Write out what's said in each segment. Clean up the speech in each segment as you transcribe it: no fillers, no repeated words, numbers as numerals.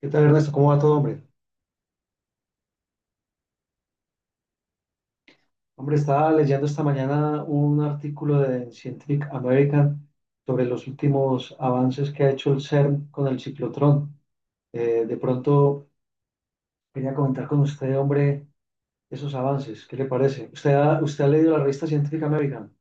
¿Qué tal, Ernesto? ¿Cómo va todo, hombre? Hombre, estaba leyendo esta mañana un artículo de Scientific American sobre los últimos avances que ha hecho el CERN con el ciclotrón. De pronto quería comentar con usted, hombre, esos avances. ¿Qué le parece? ¿Usted ha leído la revista Scientific American?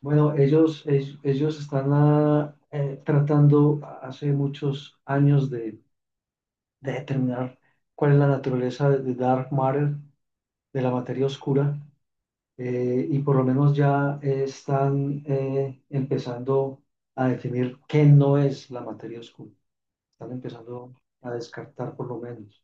Bueno, ellos están tratando hace muchos años de determinar cuál es la naturaleza de dark matter, de la materia oscura, y por lo menos ya están empezando a definir qué no es la materia oscura. Están empezando a descartar, por lo menos.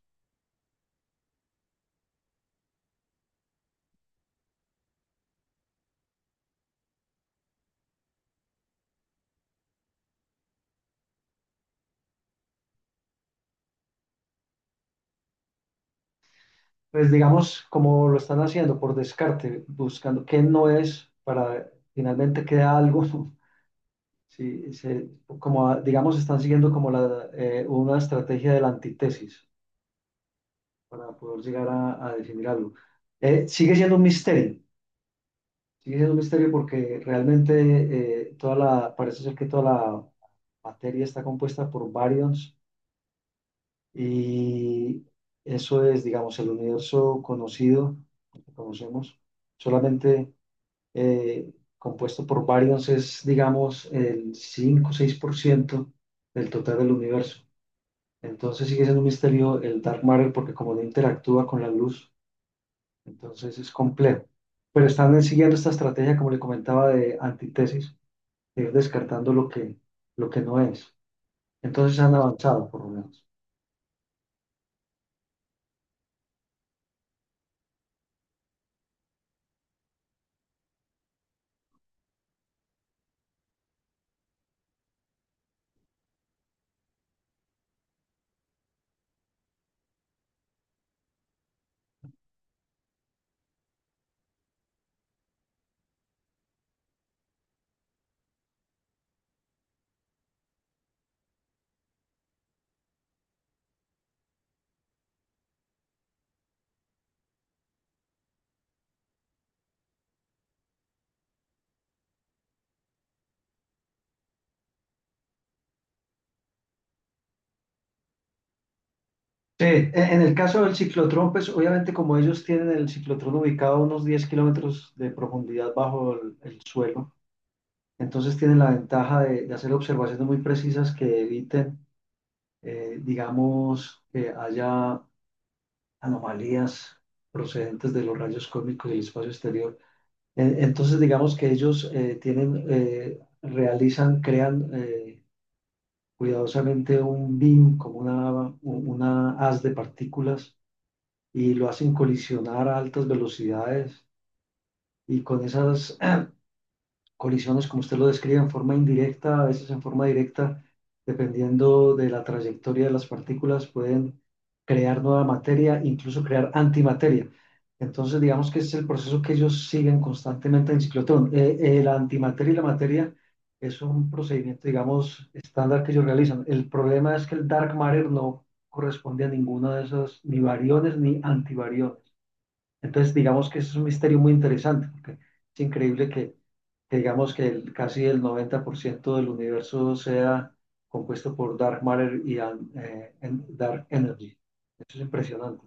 Pues digamos, como lo están haciendo por descarte, buscando qué no es, para finalmente queda algo. Sí, digamos, están siguiendo como una estrategia de la antítesis para poder llegar a definir algo. Sigue siendo un misterio. Sigue siendo un misterio, porque realmente parece ser que toda la materia está compuesta por baryons, y eso es, digamos, el universo conocido, que conocemos, solamente eh, compuesto por baryons, es, digamos, el 5 o 6% del total del universo. Entonces sigue siendo un misterio el dark matter, porque como no interactúa con la luz, entonces es complejo. Pero están siguiendo esta estrategia, como le comentaba, de antítesis, ir descartando lo que no es. Entonces han avanzado, por lo menos. Sí, en el caso del ciclotrón, pues obviamente como ellos tienen el ciclotrón ubicado a unos 10 kilómetros de profundidad bajo el suelo, entonces tienen la ventaja de hacer observaciones muy precisas que eviten, digamos, que haya anomalías procedentes de los rayos cósmicos del espacio exterior. Entonces, digamos que ellos realizan, crean, cuidadosamente, un BIM, como una haz de partículas, y lo hacen colisionar a altas velocidades, y con esas colisiones, como usted lo describe, en forma indirecta, a veces en forma directa, dependiendo de la trayectoria de las partículas, pueden crear nueva materia, incluso crear antimateria. Entonces, digamos que ese es el proceso que ellos siguen constantemente en ciclotrón. La antimateria y la materia es un procedimiento, digamos, estándar, que ellos realizan. El problema es que el dark matter no corresponde a ninguna de esas, ni variones ni antivariones. Entonces, digamos que eso es un misterio muy interesante, porque es increíble que digamos que casi el 90% del universo sea compuesto por dark matter y dark energy. Eso es impresionante.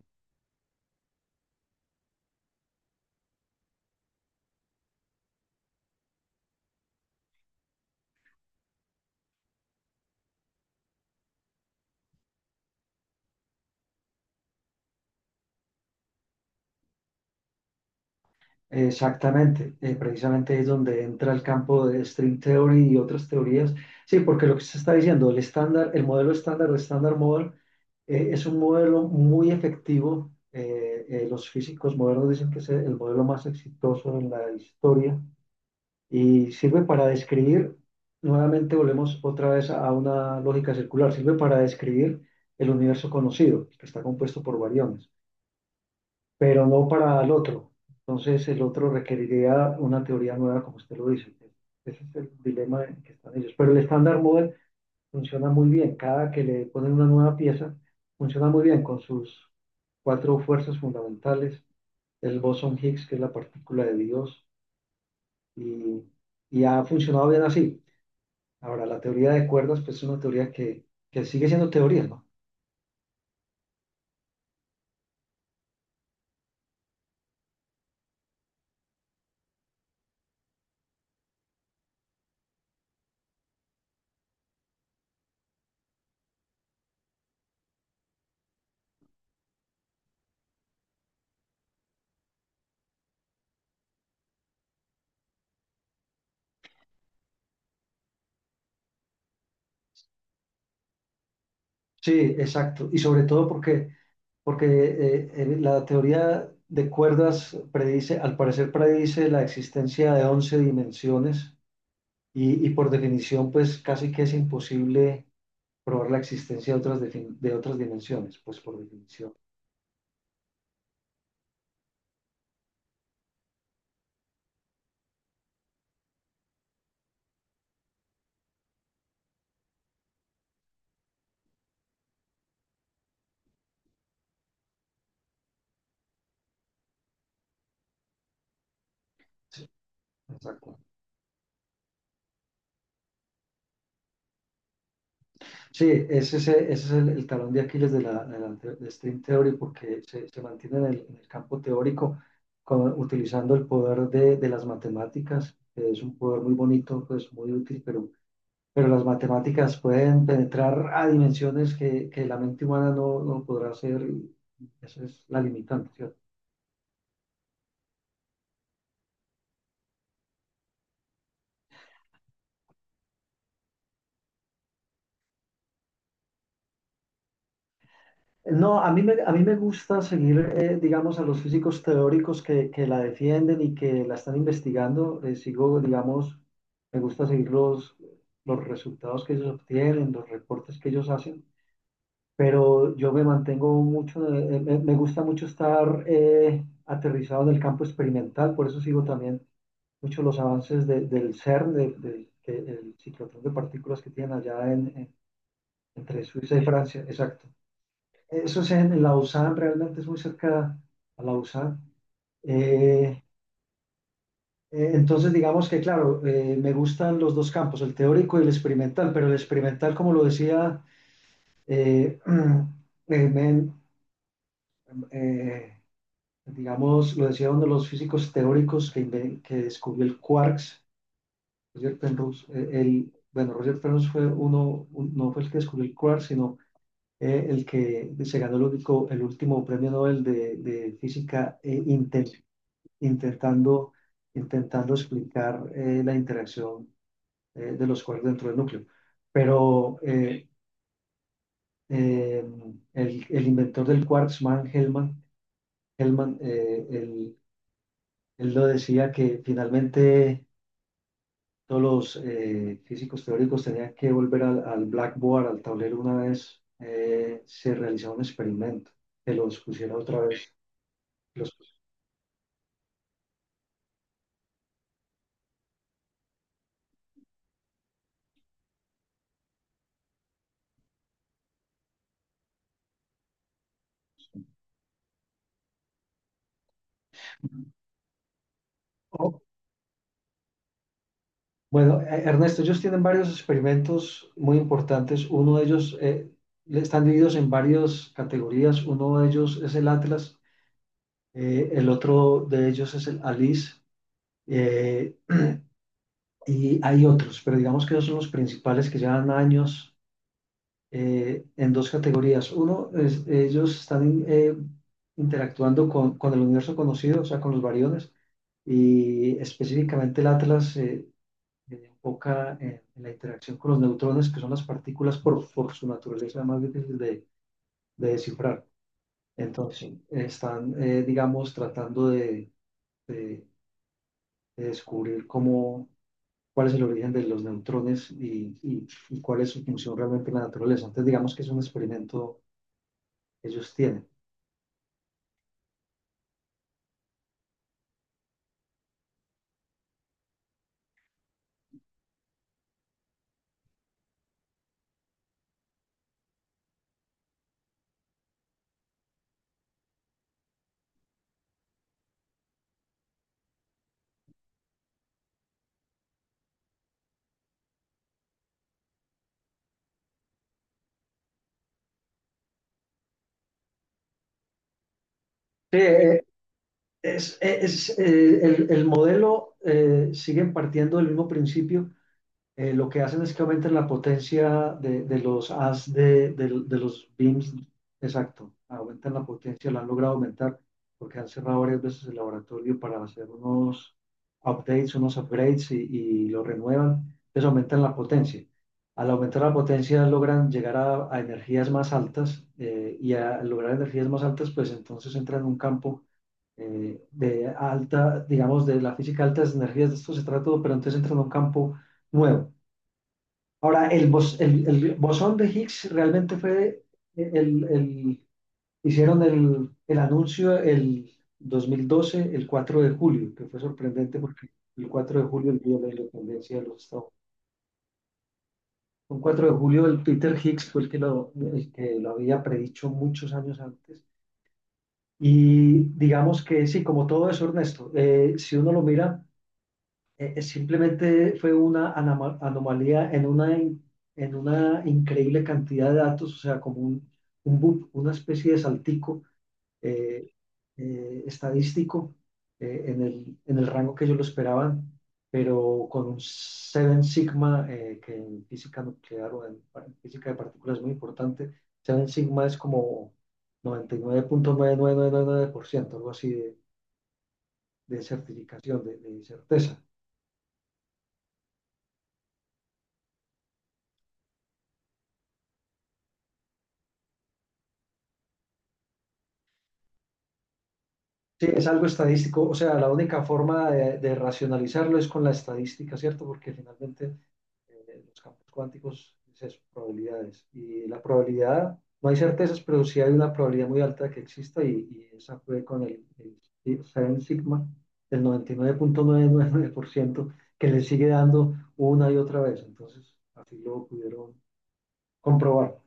Exactamente, precisamente es donde entra el campo de string theory y otras teorías. Sí, porque lo que se está diciendo, el estándar, el modelo estándar o estándar model, es un modelo muy efectivo. Los físicos modernos dicen que es el modelo más exitoso en la historia, y sirve para describir, nuevamente volvemos otra vez a una lógica circular, sirve para describir el universo conocido, que está compuesto por variones, pero no para el otro. Entonces el otro requeriría una teoría nueva, como usted lo dice. Ese es el dilema en que están ellos. Pero el estándar model funciona muy bien. Cada que le ponen una nueva pieza, funciona muy bien con sus cuatro fuerzas fundamentales, el bosón Higgs, que es la partícula de Dios, y, y ha funcionado bien así. Ahora, la teoría de cuerdas, pues es una teoría que sigue siendo teoría, ¿no? Sí, exacto. Y sobre todo porque la teoría de cuerdas predice, al parecer predice, la existencia de 11 dimensiones, y por definición, pues casi que es imposible probar la existencia de otras, de otras dimensiones, pues por definición. Sí, exacto. Sí, ese es el talón de Aquiles de String Theory, porque se mantiene en en el campo teórico, utilizando el poder de las matemáticas, que es un poder muy bonito, pues muy útil, pero las matemáticas pueden penetrar a dimensiones que la mente humana no podrá hacer, y esa es la limitante, ¿cierto? No, a mí me gusta seguir, digamos, a los físicos teóricos que la defienden y que la están investigando. Sigo, digamos, me gusta seguir los resultados que ellos obtienen, los reportes que ellos hacen, pero yo me mantengo mucho, me gusta mucho estar aterrizado en el campo experimental, por eso sigo también mucho los avances del CERN, el ciclotrón de partículas que tienen allá entre Suiza y Francia, exacto. Eso es en Lausanne, realmente es muy cerca a Lausanne. Eh, entonces, digamos que, claro, me gustan los dos campos, el teórico y el experimental, pero el experimental, como lo decía, eh, eh, me- eh, digamos, lo decía uno de los físicos teóricos que descubrió el quarks, Roger Penrose. Bueno, Roger Penrose fue uno, no fue el que descubrió el quark, sino el que se ganó el, único, el último premio Nobel de física, intentando, intentando explicar la interacción de los quarks dentro del núcleo. Pero eh, el inventor del quarksman, Hellman, él lo decía, que finalmente todos los físicos teóricos tenían que volver al blackboard, al tablero, una vez se realizaba un experimento, que los pusiera otra vez. Los... o, Bueno, Ernesto, ellos tienen varios experimentos muy importantes. Uno de ellos, están divididos en varias categorías. Uno de ellos es el Atlas, el otro de ellos es el ALICE, eh, y hay otros, pero digamos que esos son los principales que llevan años, en dos categorías. Uno es, ellos están interactuando con el universo conocido, o sea, con los variones, y específicamente el Atlas. Enfoca en la interacción con los neutrones, que son las partículas por su naturaleza más difíciles de descifrar. Entonces, están, digamos, tratando de- de descubrir cuál es el origen de los neutrones, y cuál es su función realmente en la naturaleza. Entonces, digamos que es un experimento que ellos tienen. Sí, el modelo sigue partiendo del mismo principio, lo que hacen es que aumentan la potencia de los as de los beams. Exacto, aumentan la potencia, la han logrado aumentar porque han cerrado varias veces el laboratorio para hacer unos updates, unos upgrades, y lo renuevan. Entonces aumentan la potencia. Al aumentar la potencia logran llegar a energías más altas, y al lograr energías más altas, pues entonces entran en un campo de alta, digamos, de la física alta, de energías, de esto se trata todo, pero entonces entran en un campo nuevo. Ahora, el bosón de Higgs realmente fue eh, el, el- Hicieron el anuncio el 2012, el 4 de julio, que fue sorprendente porque el 4 de julio, el día de la independencia de los Estados Unidos. Un 4 de julio, el Peter Higgs fue el que lo había predicho muchos años antes. Y digamos que sí, como todo eso, Ernesto, si uno lo mira, simplemente fue una anomalía en en una increíble cantidad de datos, o sea, como un bump, una especie de saltico, eh, estadístico, en en el rango que ellos lo esperaban, pero con un Seven Sigma, que en física nuclear o en física de partículas es muy importante. Seven Sigma es como noventa y nueve punto nueve nueve nueve nueve punto por ciento, algo así de certificación, de certeza. Sí, es algo estadístico, o sea, la única forma de racionalizarlo es con la estadística, ¿cierto? Porque finalmente los campos cuánticos es eso, probabilidades. Y la probabilidad, no hay certezas, pero sí hay una probabilidad muy alta de que exista, y esa fue con el Seven Sigma, el 99,99%, que le sigue dando una y otra vez. Entonces, así lo pudieron comprobar.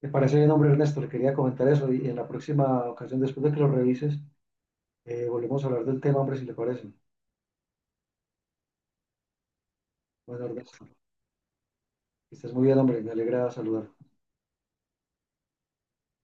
Me parece bien, hombre Ernesto, le quería comentar eso, y en la próxima ocasión, después de que lo revises, volvemos a hablar del tema, hombre, si le parece. Buenas tardes. Que estés muy bien, hombre. Me alegra saludar.